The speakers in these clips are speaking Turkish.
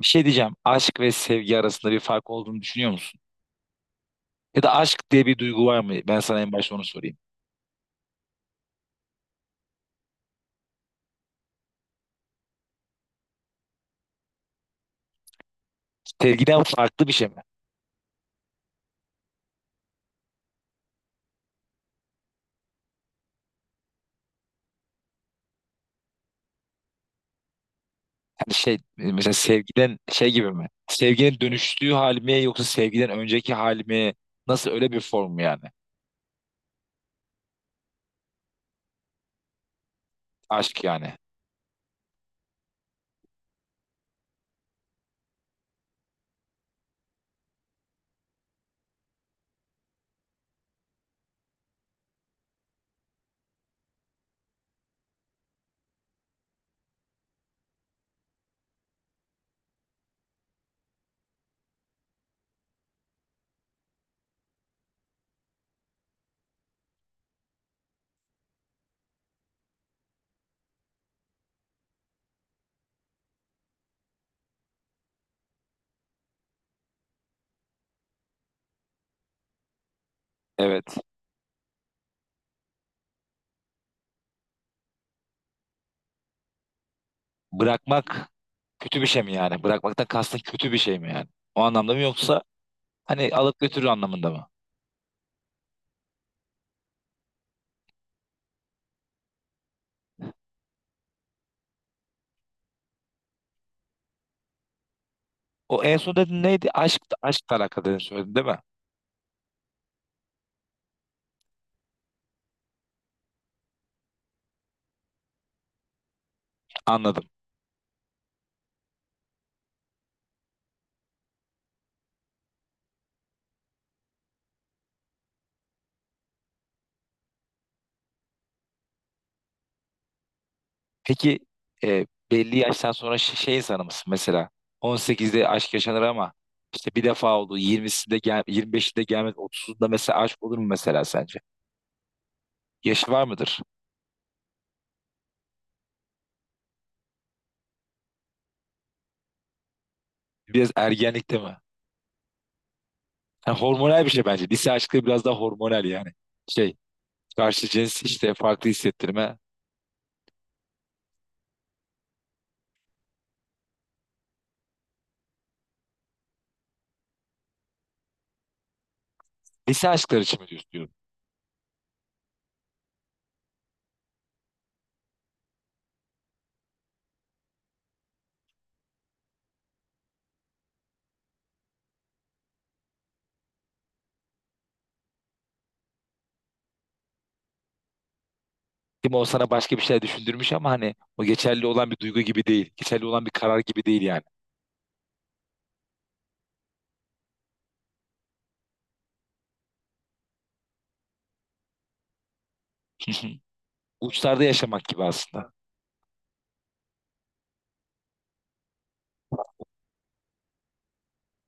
Bir şey diyeceğim. Aşk ve sevgi arasında bir fark olduğunu düşünüyor musun? Ya da aşk diye bir duygu var mı? Ben sana en başta onu sorayım. Sevgiden farklı bir şey mi? Yani şey mesela sevgiden şey gibi mi? Sevginin dönüştüğü hal mi yoksa sevgiden önceki hal mi? Nasıl öyle bir form mu yani? Aşk yani. Evet. Bırakmak kötü bir şey mi yani? Bırakmaktan kastın kötü bir şey mi yani? O anlamda mı yoksa hani alıp götürür anlamında mı? O en son dedin neydi? Aşk, aşkla alakalı dedin söyledin değil mi? Anladım. Peki belli yaştan sonra şey, şey insanı mısın mesela? 18'de aşk yaşanır ama işte bir defa oldu. 20'sinde gel 25'inde gelmez. 30'unda mesela aşk olur mu mesela sence? Yaşı var mıdır? Biraz ergenlikte mi? Yani hormonal bir şey bence. Lise aşkı biraz daha hormonal yani. Şey karşı cins işte farklı hissettirme. Lise aşkları için mi diyorsun diyorum. Değil mi? O sana başka bir şey düşündürmüş ama hani o geçerli olan bir duygu gibi değil. Geçerli olan bir karar gibi değil yani. Uçlarda yaşamak gibi aslında.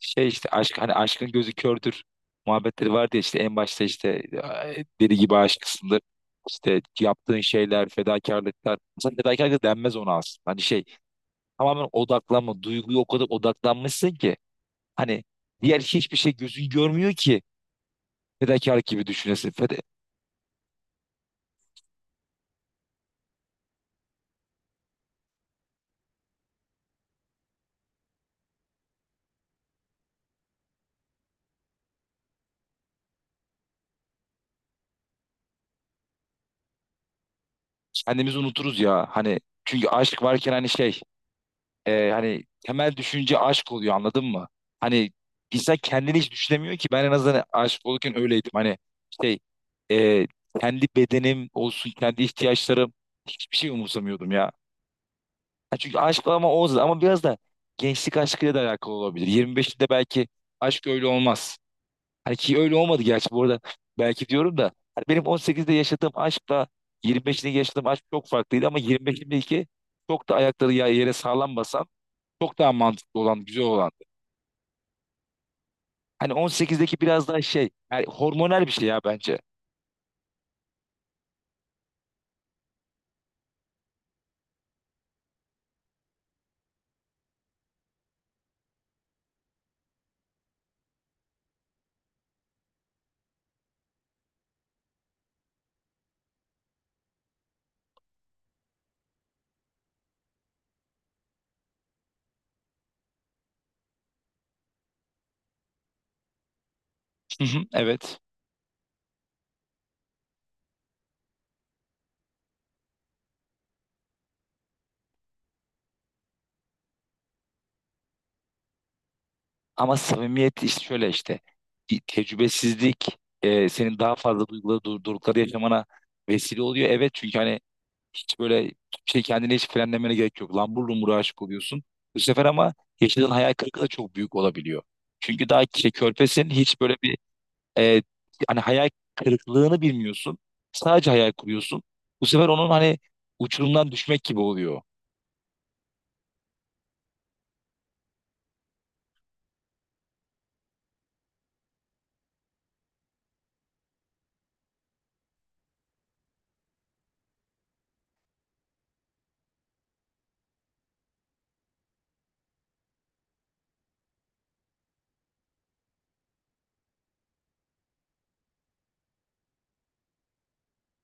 Şey işte aşk hani aşkın gözü kördür muhabbetleri vardı ya işte en başta işte "Ay, deli gibi aşksındır. İşte yaptığın şeyler, fedakarlıklar. Mesela fedakarlık denmez ona aslında. Hani şey tamamen odaklanma. Duyguya o kadar odaklanmışsın ki. Hani diğer hiçbir şey gözün görmüyor ki fedakarlık gibi düşünesin. Kendimizi unuturuz ya. Hani çünkü aşk varken hani şey hani temel düşünce aşk oluyor anladın mı? Hani insan kendini hiç düşünemiyor ki ben en azından aşık olurken öyleydim. Hani şey e, kendi bedenim olsun kendi ihtiyaçlarım hiçbir şey umursamıyordum ya. Ha, çünkü aşk ama o ama biraz da gençlik aşkıyla da alakalı olabilir. 25'inde belki aşk öyle olmaz. Hani ki öyle olmadı gerçi bu arada belki diyorum da hani benim 18'de yaşadığım aşkla 25'inde yaşadığım aşk çok farklıydı ama 25'imdeki çok da ayakları yere sağlam basan çok daha mantıklı olan, güzel olan. Hani 18'deki biraz daha şey, yani hormonal bir şey ya bence. Hı hı, evet. Ama samimiyet işte şöyle işte. Bir tecrübesizlik senin daha fazla duyguları, durdurukları yaşamana vesile oluyor. Evet çünkü hani hiç böyle şey kendine hiç frenlemene gerek yok. Lambur lumbur aşık oluyorsun. Bu sefer ama yaşadığın hayal kırıklığı da çok büyük olabiliyor. Çünkü daha şey, körpesin hiç böyle bir e, hani hayal kırıklığını bilmiyorsun. Sadece hayal kuruyorsun. Bu sefer onun hani uçurumdan düşmek gibi oluyor.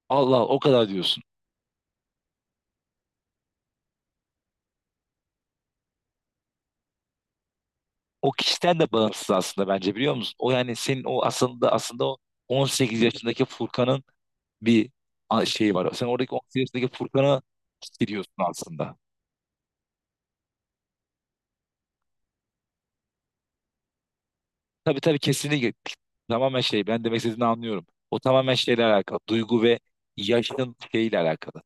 Allah Allah, o kadar diyorsun. O kişiden de bağımsız aslında bence biliyor musun? O yani senin o aslında aslında o 18 yaşındaki Furkan'ın bir şeyi var. Sen oradaki 18 yaşındaki Furkan'ı hissediyorsun aslında. Tabii tabii kesinlikle tamamen şey ben demek istediğini anlıyorum. O tamamen şeyle alakalı. Duygu ve yaşın şeyle alakalı.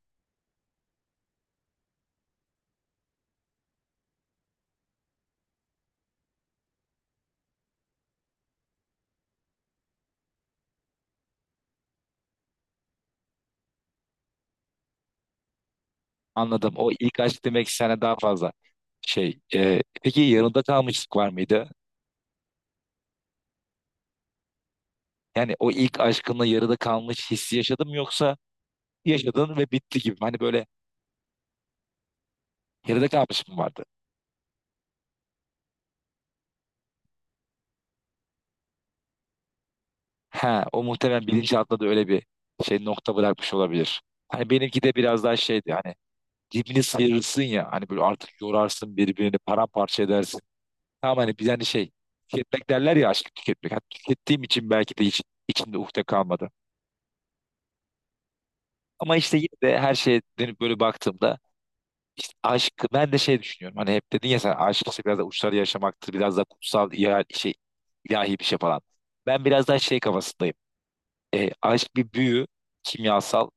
Anladım. O ilk aşk demek sana daha fazla şey. Peki yarıda kalmışlık var mıydı? Yani o ilk aşkınla yarıda kalmış hissi yaşadın mı yoksa yaşadın ve bitti gibi. Hani böyle yarıda kalmış mı vardı? Ha, o muhtemelen bilinçaltında da öyle bir şey nokta bırakmış olabilir. Hani benimki de biraz daha şeydi hani dibini sıyırırsın ya hani böyle artık yorarsın birbirini paramparça edersin. Tamam hani bir hani şey tüketmek derler ya aşkı tüketmek. Hani tükettiğim için belki de hiç içimde ukde kalmadı. Ama işte yine de her şeye dönüp böyle baktığımda işte aşk ben de şey düşünüyorum. Hani hep dedin ya sen aşk işte biraz da uçları yaşamaktır. Biraz da kutsal ya, şey ilahi bir şey falan. Ben biraz daha şey kafasındayım. E, aşk bir büyü kimyasal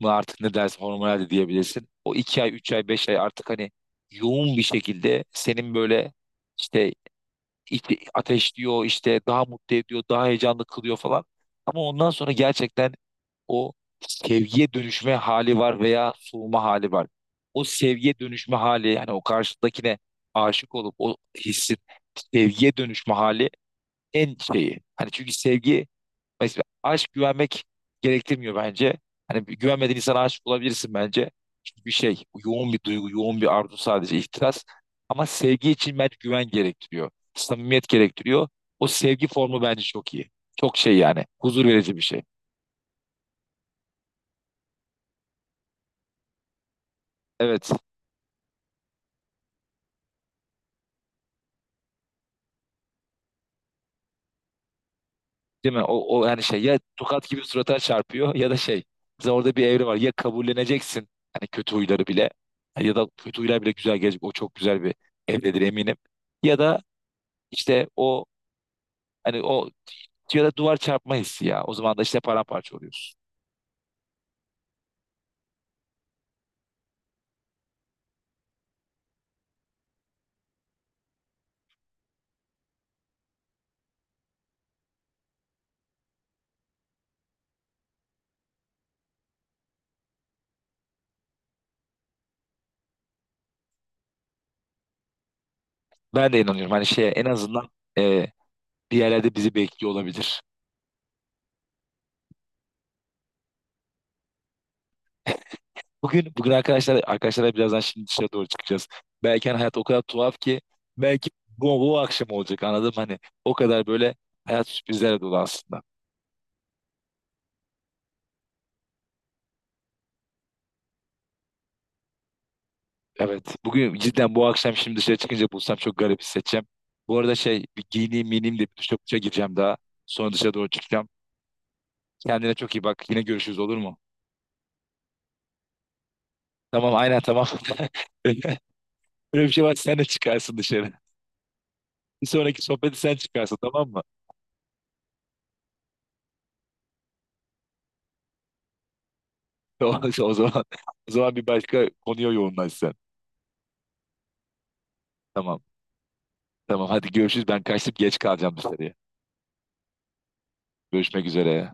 mı artık ne dersin hormonal de diyebilirsin. O 2 ay, 3 ay, 5 ay artık hani yoğun bir şekilde senin böyle işte ateşliyor işte daha mutlu ediyor daha heyecanlı kılıyor falan. Ama ondan sonra gerçekten o sevgiye dönüşme hali var veya soğuma hali var. O sevgiye dönüşme hali yani o karşıdakine aşık olup o hissin sevgiye dönüşme hali en şeyi. Hani çünkü sevgi. Mesela aşk güvenmek gerektirmiyor bence. Hani bir güvenmediğin insana aşık olabilirsin bence. Çünkü bir şey, bu yoğun bir duygu, yoğun bir arzu sadece ihtiras. Ama sevgi için bence güven gerektiriyor. Samimiyet gerektiriyor. O sevgi formu bence çok iyi. Çok şey yani. Huzur verici bir şey. Evet. Değil mi? O yani şey ya tokat gibi surata çarpıyor ya da şey. Mesela orada bir evre var. Ya kabulleneceksin hani kötü huyları bile ya da kötü huylar bile güzel gelecek. O çok güzel bir evredir eminim. Ya da işte o. Hani o ya da duvar çarpma hissi ya. O zaman da işte paramparça oluyoruz. Ben de inanıyorum. Hani şeye en azından e, bir yerlerde bizi bekliyor olabilir. Bugün arkadaşlarla birazdan şimdi dışarı doğru çıkacağız. Belki hani hayat o kadar tuhaf ki belki bu akşam olacak anladım hani o kadar böyle hayat sürprizlerle dolu aslında. Evet bugün cidden bu akşam şimdi dışarı çıkınca bulsam çok garip hissedeceğim. Bu arada şey bir giyineyim miyineyim de bir duşa gireceğim daha. Sonra dışarı doğru çıkacağım. Kendine çok iyi bak. Yine görüşürüz olur mu? Tamam aynen tamam. Böyle bir şey var sen de çıkarsın dışarı. Bir sonraki sohbeti sen çıkarsın tamam mı? O, o zaman o zaman bir başka konuya yoğunlaş sen. Tamam. Tamam hadi görüşürüz. Ben kaçtım geç kalacağım dışarıya. Görüşmek üzere.